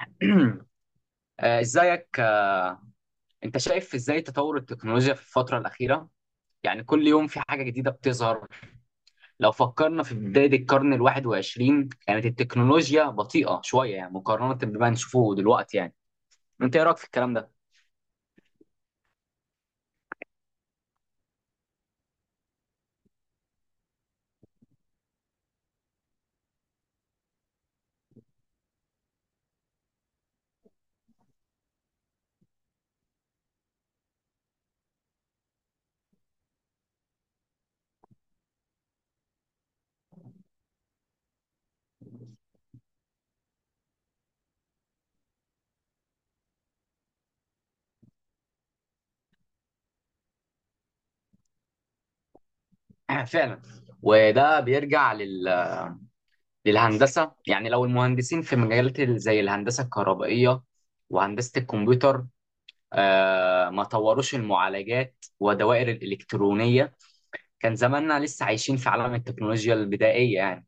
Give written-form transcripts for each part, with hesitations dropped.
ازيك. انت شايف ازاي تطور التكنولوجيا في الفترة الأخيرة؟ يعني كل يوم في حاجة جديدة بتظهر، لو فكرنا في بداية القرن 21 كانت التكنولوجيا بطيئة شوية يعني، مقارنة بما نشوفه دلوقتي يعني، انت ايه رأيك في الكلام ده؟ فعلا، وده بيرجع للهندسة. يعني لو المهندسين في مجالات زي الهندسة الكهربائية وهندسة الكمبيوتر، ما طوروش المعالجات والدوائر الإلكترونية، كان زماننا لسه عايشين في عالم التكنولوجيا البدائية يعني.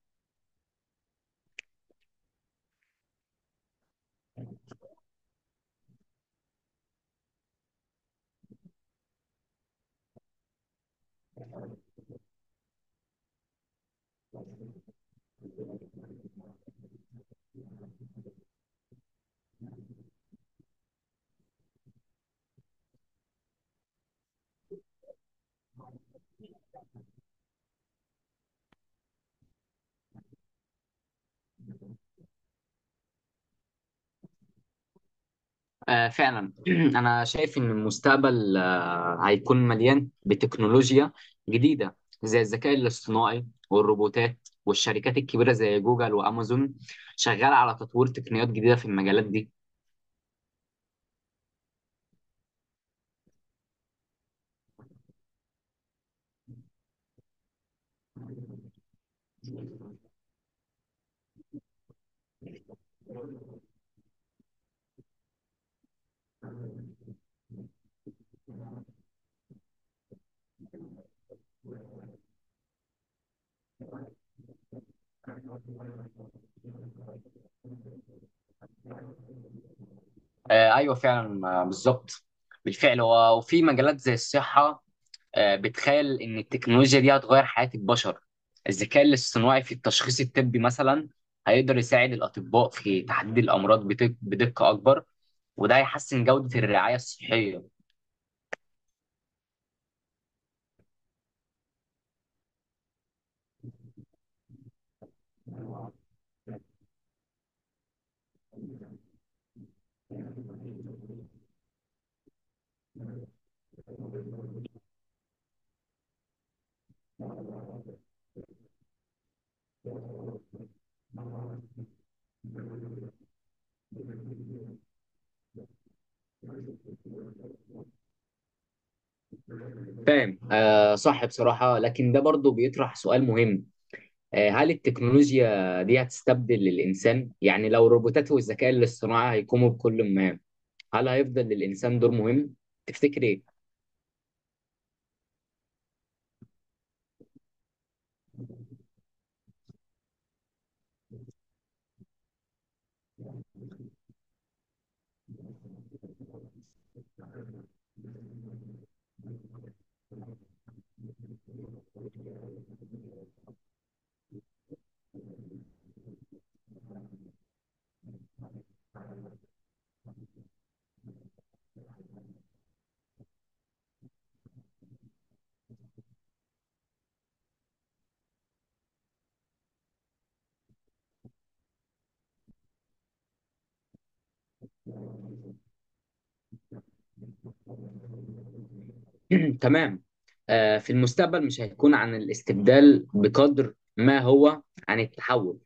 آه، فعلا. أنا شايف إن المستقبل هيكون مليان بتكنولوجيا جديدة، زي الذكاء الاصطناعي والروبوتات، والشركات الكبيرة زي جوجل وأمازون شغالة على تطوير تقنيات جديدة في المجالات دي. آه، أيوة فعلا، آه، بالظبط. بالفعل. وفي مجالات زي الصحة، بتخيل ان التكنولوجيا دي هتغير حياة البشر. الذكاء الاصطناعي في التشخيص الطبي مثلا هيقدر يساعد الأطباء في تحديد الأمراض بدقة أكبر، وده هيحسن جودة الرعاية الصحية. فاهم، آه صح، بصراحة لكن ده برضه بيطرح سؤال مهم. هل التكنولوجيا دي هتستبدل الإنسان؟ يعني لو الروبوتات والذكاء الاصطناعي هيقوموا بكل مهام، هل هيفضل للإنسان دور مهم؟ تفتكر إيه؟ تمام. في المستقبل مش هيكون عن الاستبدال بقدر ما هو عن التحول،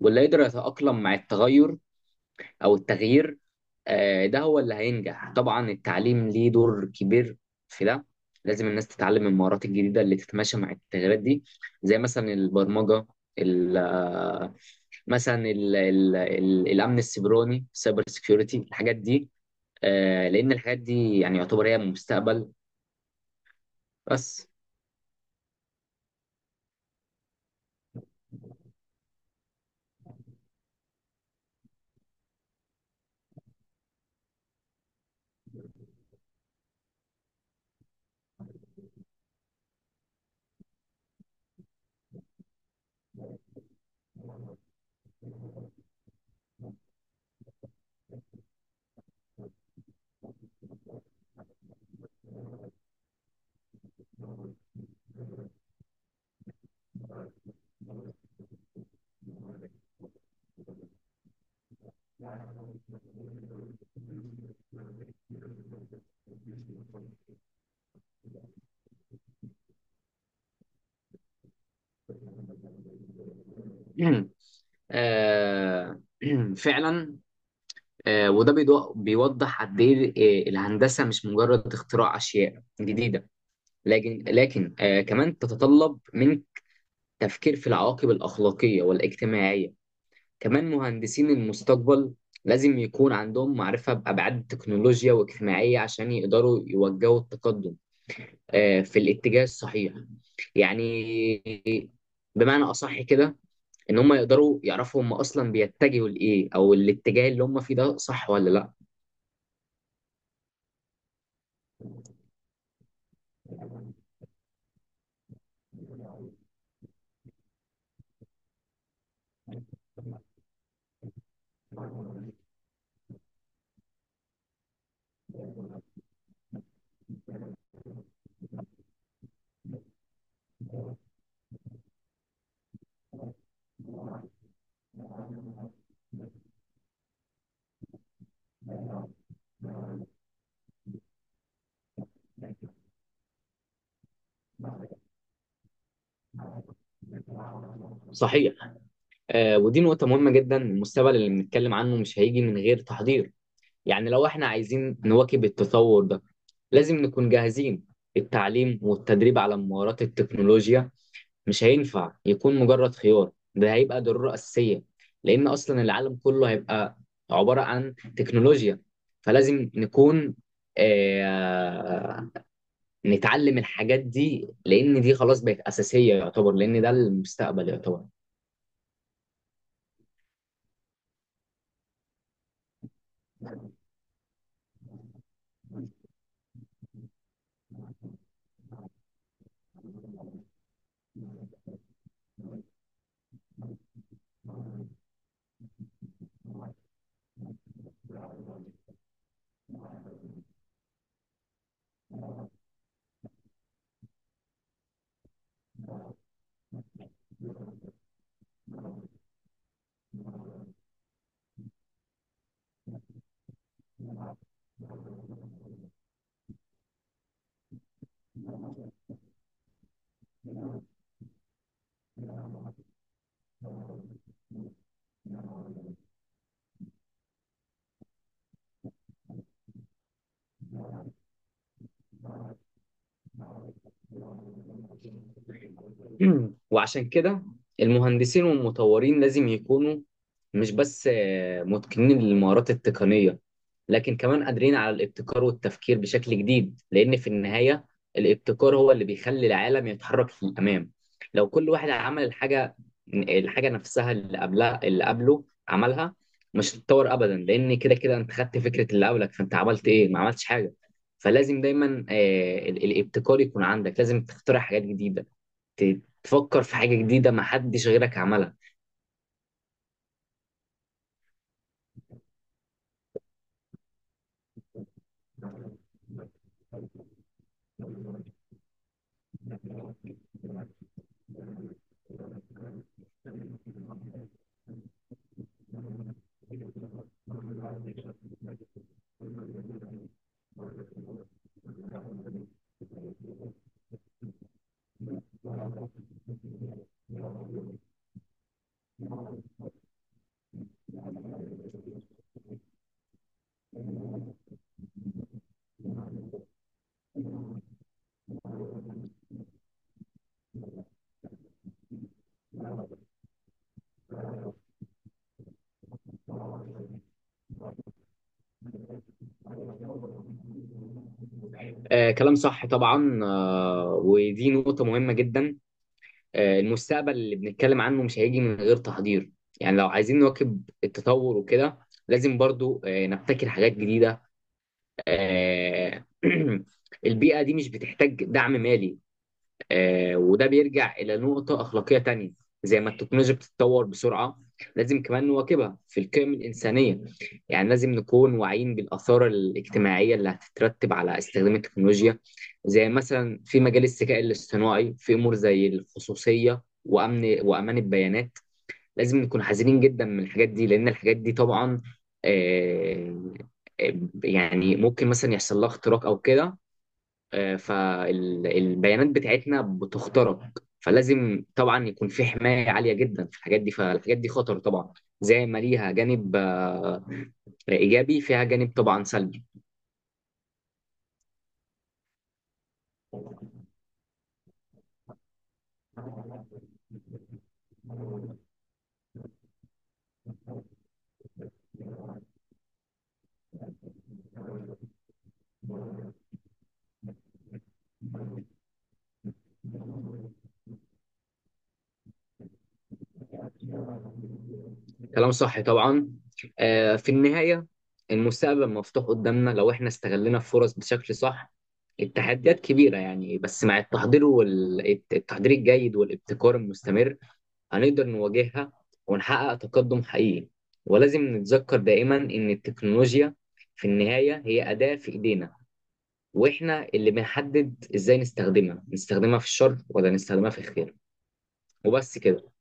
واللي يقدر يتأقلم مع التغير أو التغيير، ده هو اللي هينجح. طبعا التعليم ليه دور كبير في ده، لازم الناس تتعلم المهارات الجديدة اللي تتماشى مع التغيرات دي، زي مثلا البرمجة، ال- آه، مثلا ال ال ال الأمن السيبراني، سايبر سيكيورتي، الحاجات دي. لأن الحاجات دي يعني يعتبر هي المستقبل بس. آه، فعلا. وده بيوضح قد ايه الهندسه مش مجرد اختراع اشياء جديده، لكن كمان تتطلب من تفكير في العواقب الاخلاقيه والاجتماعيه. كمان مهندسين المستقبل لازم يكون عندهم معرفه بابعاد التكنولوجيا واجتماعيه عشان يقدروا يوجهوا التقدم في الاتجاه الصحيح. يعني بمعنى اصح كده، ان هم يقدروا يعرفوا هم اصلا بيتجهوا لايه، او الاتجاه اللي هم فيه ده صح ولا لا. صحيح. آه، ودي نقطه مهمه جدا، المستقبل اللي بنتكلم عنه مش هيجي من غير تحضير. يعني لو احنا عايزين نواكب التطور ده، لازم نكون جاهزين. التعليم والتدريب على مهارات التكنولوجيا مش هينفع يكون مجرد خيار، ده هيبقى ضرورة أساسية، لأن أصلا العالم كله هيبقى عبارة عن تكنولوجيا. فلازم نكون، آه، نتعلم الحاجات دي، لان دي خلاص بقت اساسيه يعتبر، لان ده المستقبل يعتبر. وعشان كده، المهندسين والمطورين لازم يكونوا مش بس متقنين للمهارات التقنيه، لكن كمان قادرين على الابتكار والتفكير بشكل جديد، لأن في النهاية الابتكار هو اللي بيخلي العالم يتحرك للأمام. لو كل واحد عمل الحاجة نفسها اللي قبلها اللي قبله عملها، مش هتتطور أبدا، لأن كده كده أنت خدت فكرة اللي قبلك، فأنت عملت إيه؟ ما عملتش حاجة. فلازم دايما الابتكار يكون عندك، لازم تخترع حاجات جديدة، تفكر في حاجة جديدة ما حدش غيرك عملها. كلام صح طبعا. ودي نقطة مهمة جدا. المستقبل اللي بنتكلم عنه مش هيجي من غير تحضير. يعني لو عايزين نواكب التطور وكده، لازم برضو نبتكر حاجات جديدة. آه، البيئة دي مش بتحتاج دعم مالي. وده بيرجع إلى نقطة أخلاقية تانية. زي ما التكنولوجيا بتتطور بسرعة، لازم كمان نواكبها في القيم الإنسانية. يعني لازم نكون واعيين بالآثار الاجتماعية اللي هتترتب على استخدام التكنولوجيا، زي مثلا في مجال الذكاء الاصطناعي، في أمور زي الخصوصية وأمن وأمان البيانات. لازم نكون حذرين جدا من الحاجات دي، لأن الحاجات دي طبعا آه، آه، يعني ممكن مثلا يحصل لها اختراق أو كده، فالبيانات بتاعتنا بتخترق. فلازم طبعا يكون في حماية عالية جدا في الحاجات دي، فالحاجات دي خطر طبعا، زي ما ليها جانب إيجابي، فيها جانب طبعا سلبي. كلام صح طبعا. في النهاية، المستقبل مفتوح قدامنا لو احنا استغلنا الفرص بشكل صح. التحديات كبيرة يعني، بس مع التحضير والتحضير الجيد والابتكار المستمر هنقدر نواجهها، ونحقق تقدم حقيقي. ولازم نتذكر دائما إن التكنولوجيا في النهاية هي أداة في إيدينا، وإحنا اللي بنحدد إزاي نستخدمها، في الشر ولا نستخدمها في الخير. وبس كده.